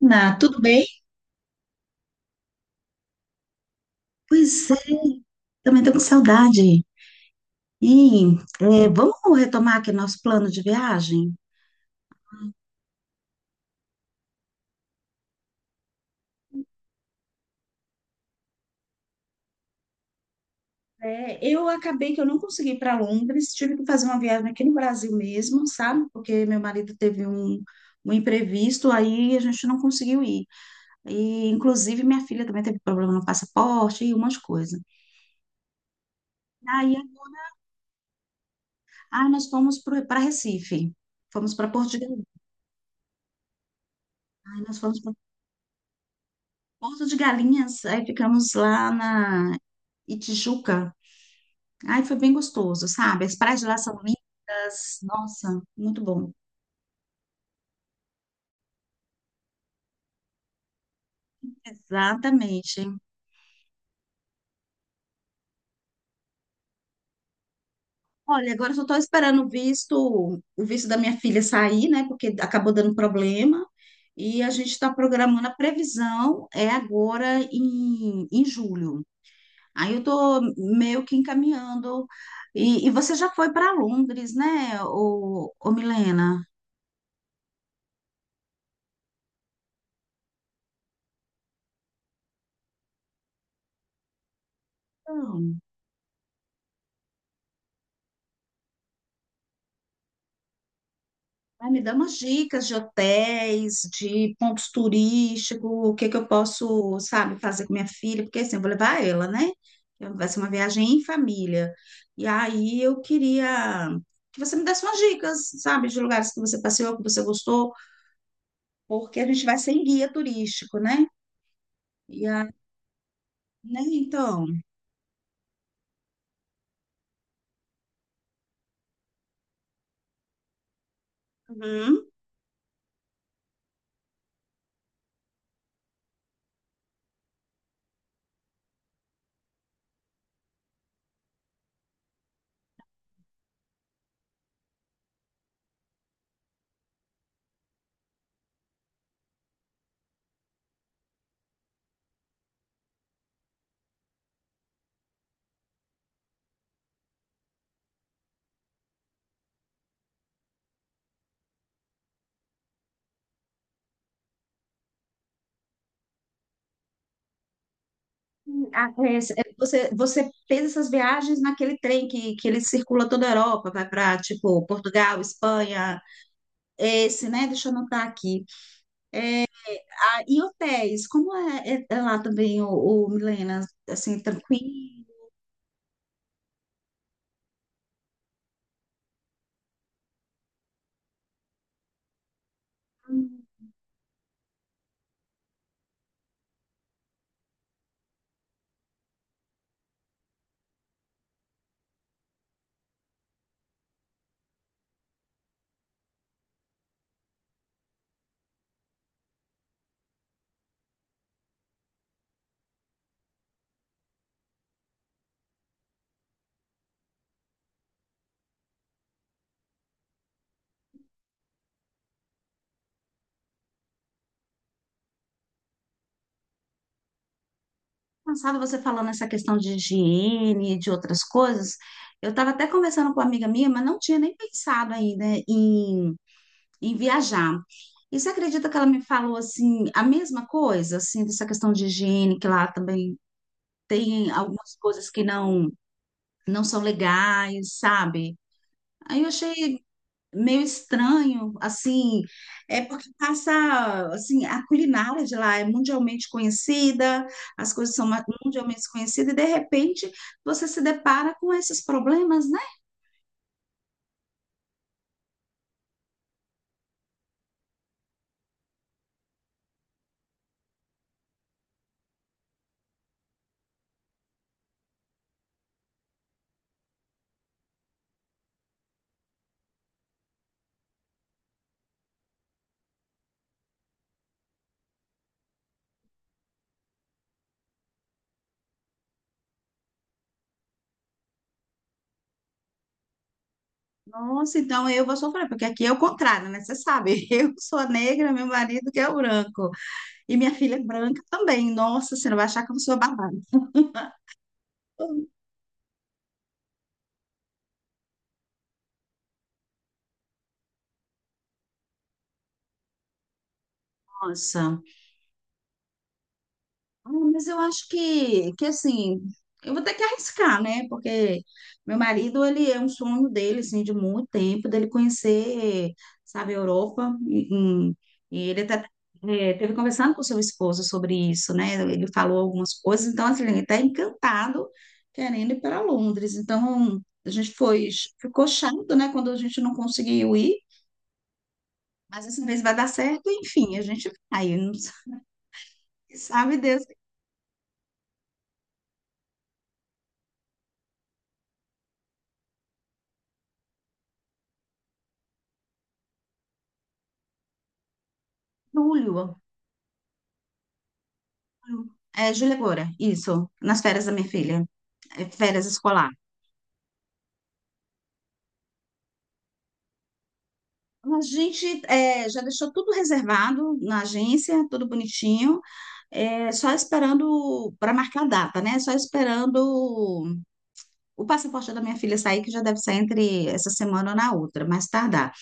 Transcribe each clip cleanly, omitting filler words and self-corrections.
Na, tudo bem? Pois é, também estou com saudade. E vamos retomar aqui nosso plano de viagem? É, eu acabei que eu não consegui ir para Londres, tive que fazer uma viagem aqui no Brasil mesmo, sabe? Porque meu marido teve um imprevisto, aí a gente não conseguiu ir. E, inclusive, minha filha também teve problema no passaporte e umas coisas. Aí, nós fomos para Recife, fomos para Porto de Galinhas, aí nós fomos para Porto de Galinhas, aí ficamos lá na Itijuca. Ai, foi bem gostoso, sabe? As praias de lá são lindas. Nossa, muito bom. Exatamente. Olha, agora eu só estou esperando o visto da minha filha sair, né? Porque acabou dando problema. E a gente está programando a previsão, é agora em julho. Aí eu estou meio que encaminhando. E você já foi para Londres, né, ô Milena? Então, ai, me dá umas dicas de hotéis, de pontos turísticos, o que que eu posso, sabe, fazer com minha filha, porque assim, eu vou levar ela, né? Então, vai ser uma viagem em família. E aí eu queria que você me desse umas dicas, sabe, de lugares que você passeou, que você gostou, porque a gente vai sem guia turístico, né? E aí, né, então. Uhum. Ah, é, é, você, você fez essas viagens naquele trem que ele circula toda a Europa, vai para, tipo, Portugal, Espanha. Esse, né? Deixa eu anotar aqui. Ah, e hotéis, como é, é lá também, o Milena, assim, tranquilo? Cansada você falando essa questão de higiene, e de outras coisas. Eu estava até conversando com uma amiga minha, mas não tinha nem pensado ainda em viajar. E você acredita que ela me falou assim, a mesma coisa, assim, dessa questão de higiene, que lá também tem algumas coisas que não, não são legais, sabe? Aí eu achei meio estranho, assim, é porque passa, assim, a culinária de lá é mundialmente conhecida, as coisas são mundialmente conhecidas, e de repente você se depara com esses problemas, né? Nossa, então eu vou sofrer, porque aqui é o contrário, né? Você sabe, eu sou a negra, meu marido que é o branco, e minha filha é branca também. Nossa, você não vai achar que eu sou babada. Nossa. Ah, mas eu acho que assim, eu vou ter que arriscar, né? Porque meu marido, ele é um sonho dele, assim, de muito tempo, dele conhecer, sabe, a Europa. E- e ele até é, teve conversando com seu esposo sobre isso, né? Ele falou algumas coisas, então, assim, ele está encantado querendo ir para Londres. Então, a gente foi, ficou chato, né, quando a gente não conseguiu ir, mas essa vez vai dar certo, enfim, a gente vai. Não sabe Deus, em julho. É, Júlia Moura, isso, nas férias da minha filha, é, férias escolar. A gente é, já deixou tudo reservado na agência, tudo bonitinho, é, só esperando para marcar a data, né? Só esperando o passaporte da minha filha sair, que já deve sair entre essa semana ou na outra, mais tardar.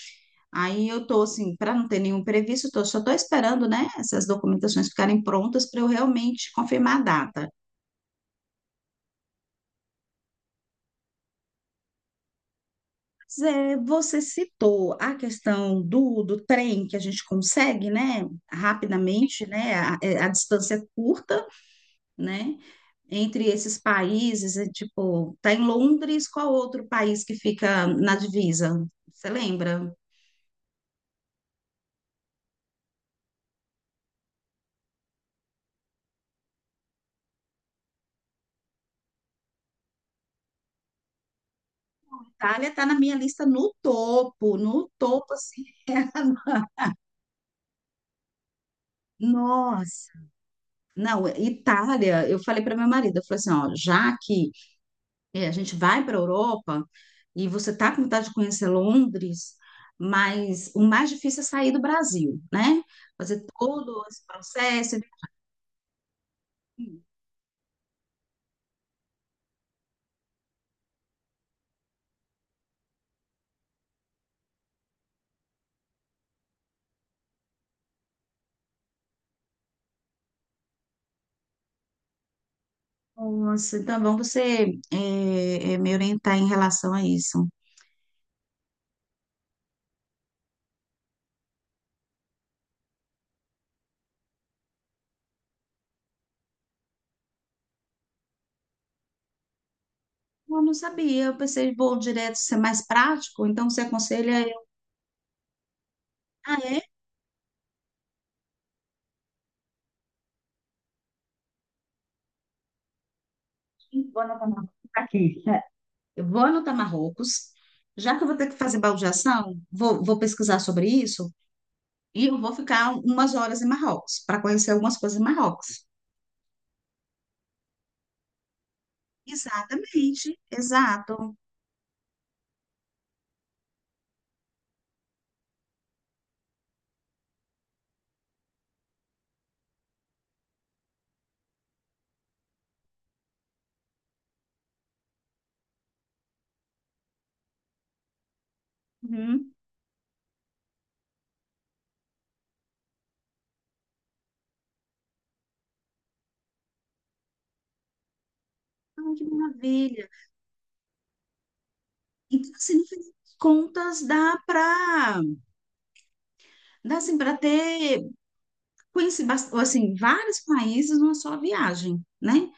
Aí eu tô assim, para não ter nenhum previsto, tô, só tô esperando, né, essas documentações ficarem prontas para eu realmente confirmar a data. Zé, você citou a questão do trem que a gente consegue, né, rapidamente, né, a, é, a distância curta, né, entre esses países, é, tipo, tá em Londres, qual outro país que fica na divisa? Você lembra? Itália tá na minha lista no topo, no topo, assim, Nossa, não, Itália, eu falei para meu marido, eu falei assim, ó, já que é, a gente vai para a Europa e você está com vontade de conhecer Londres, mas o mais difícil é sair do Brasil, né? Fazer todo esse processo. Nossa, então, vamos você é, é, me orientar em relação a isso. Eu não sabia, eu pensei, vou direto ser mais prático, então você aconselha eu. Ah, é? Vou anotar Marrocos aqui. É. Eu vou anotar Marrocos, já que eu vou ter que fazer baldeação, vou, vou pesquisar sobre isso. E eu vou ficar umas horas em Marrocos, para conhecer algumas coisas em Marrocos. Exatamente, exato. Uhum. Ai, que maravilha. Então, assim, no fim das contas, dá para dá, assim, para ter, conhecer assim, vários países numa só viagem, né?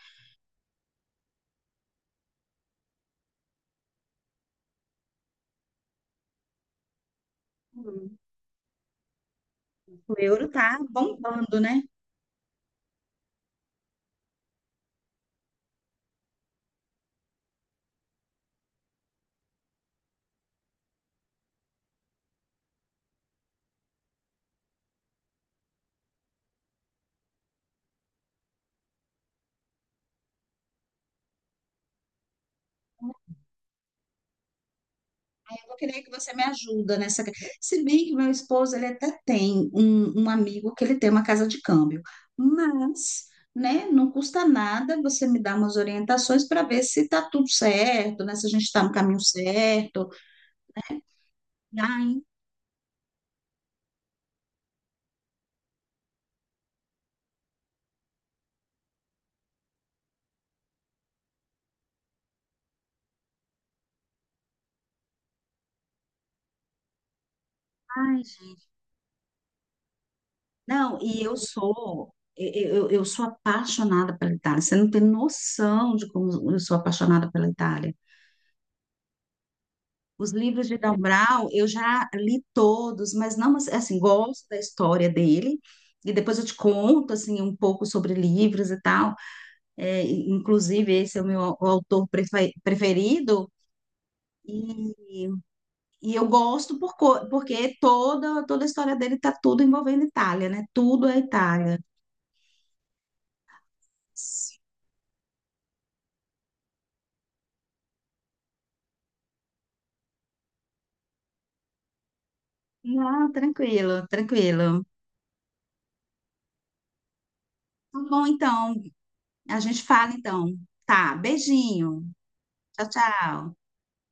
Uhum. O euro tá bombando, né? Eu queria que você me ajuda nessa. Se bem que meu esposo ele até tem um amigo que ele tem uma casa de câmbio, mas, né, não custa nada você me dar umas orientações para ver se tá tudo certo, né, se a gente está no caminho certo. Ai, ai, gente. Não, e eu sou apaixonada pela Itália. Você não tem noção de como eu sou apaixonada pela Itália. Os livros de Dan Brown, eu já li todos, mas não, mas, assim, gosto da história dele. E depois eu te conto, assim, um pouco sobre livros e tal. É, e, inclusive, esse é o meu autor preferido. E, e eu gosto por, porque toda, toda a história dele está tudo envolvendo Itália, né? Tudo é Itália. Não, tranquilo, tranquilo. Tá bom, então. A gente fala, então. Tá, beijinho. Tchau, tchau.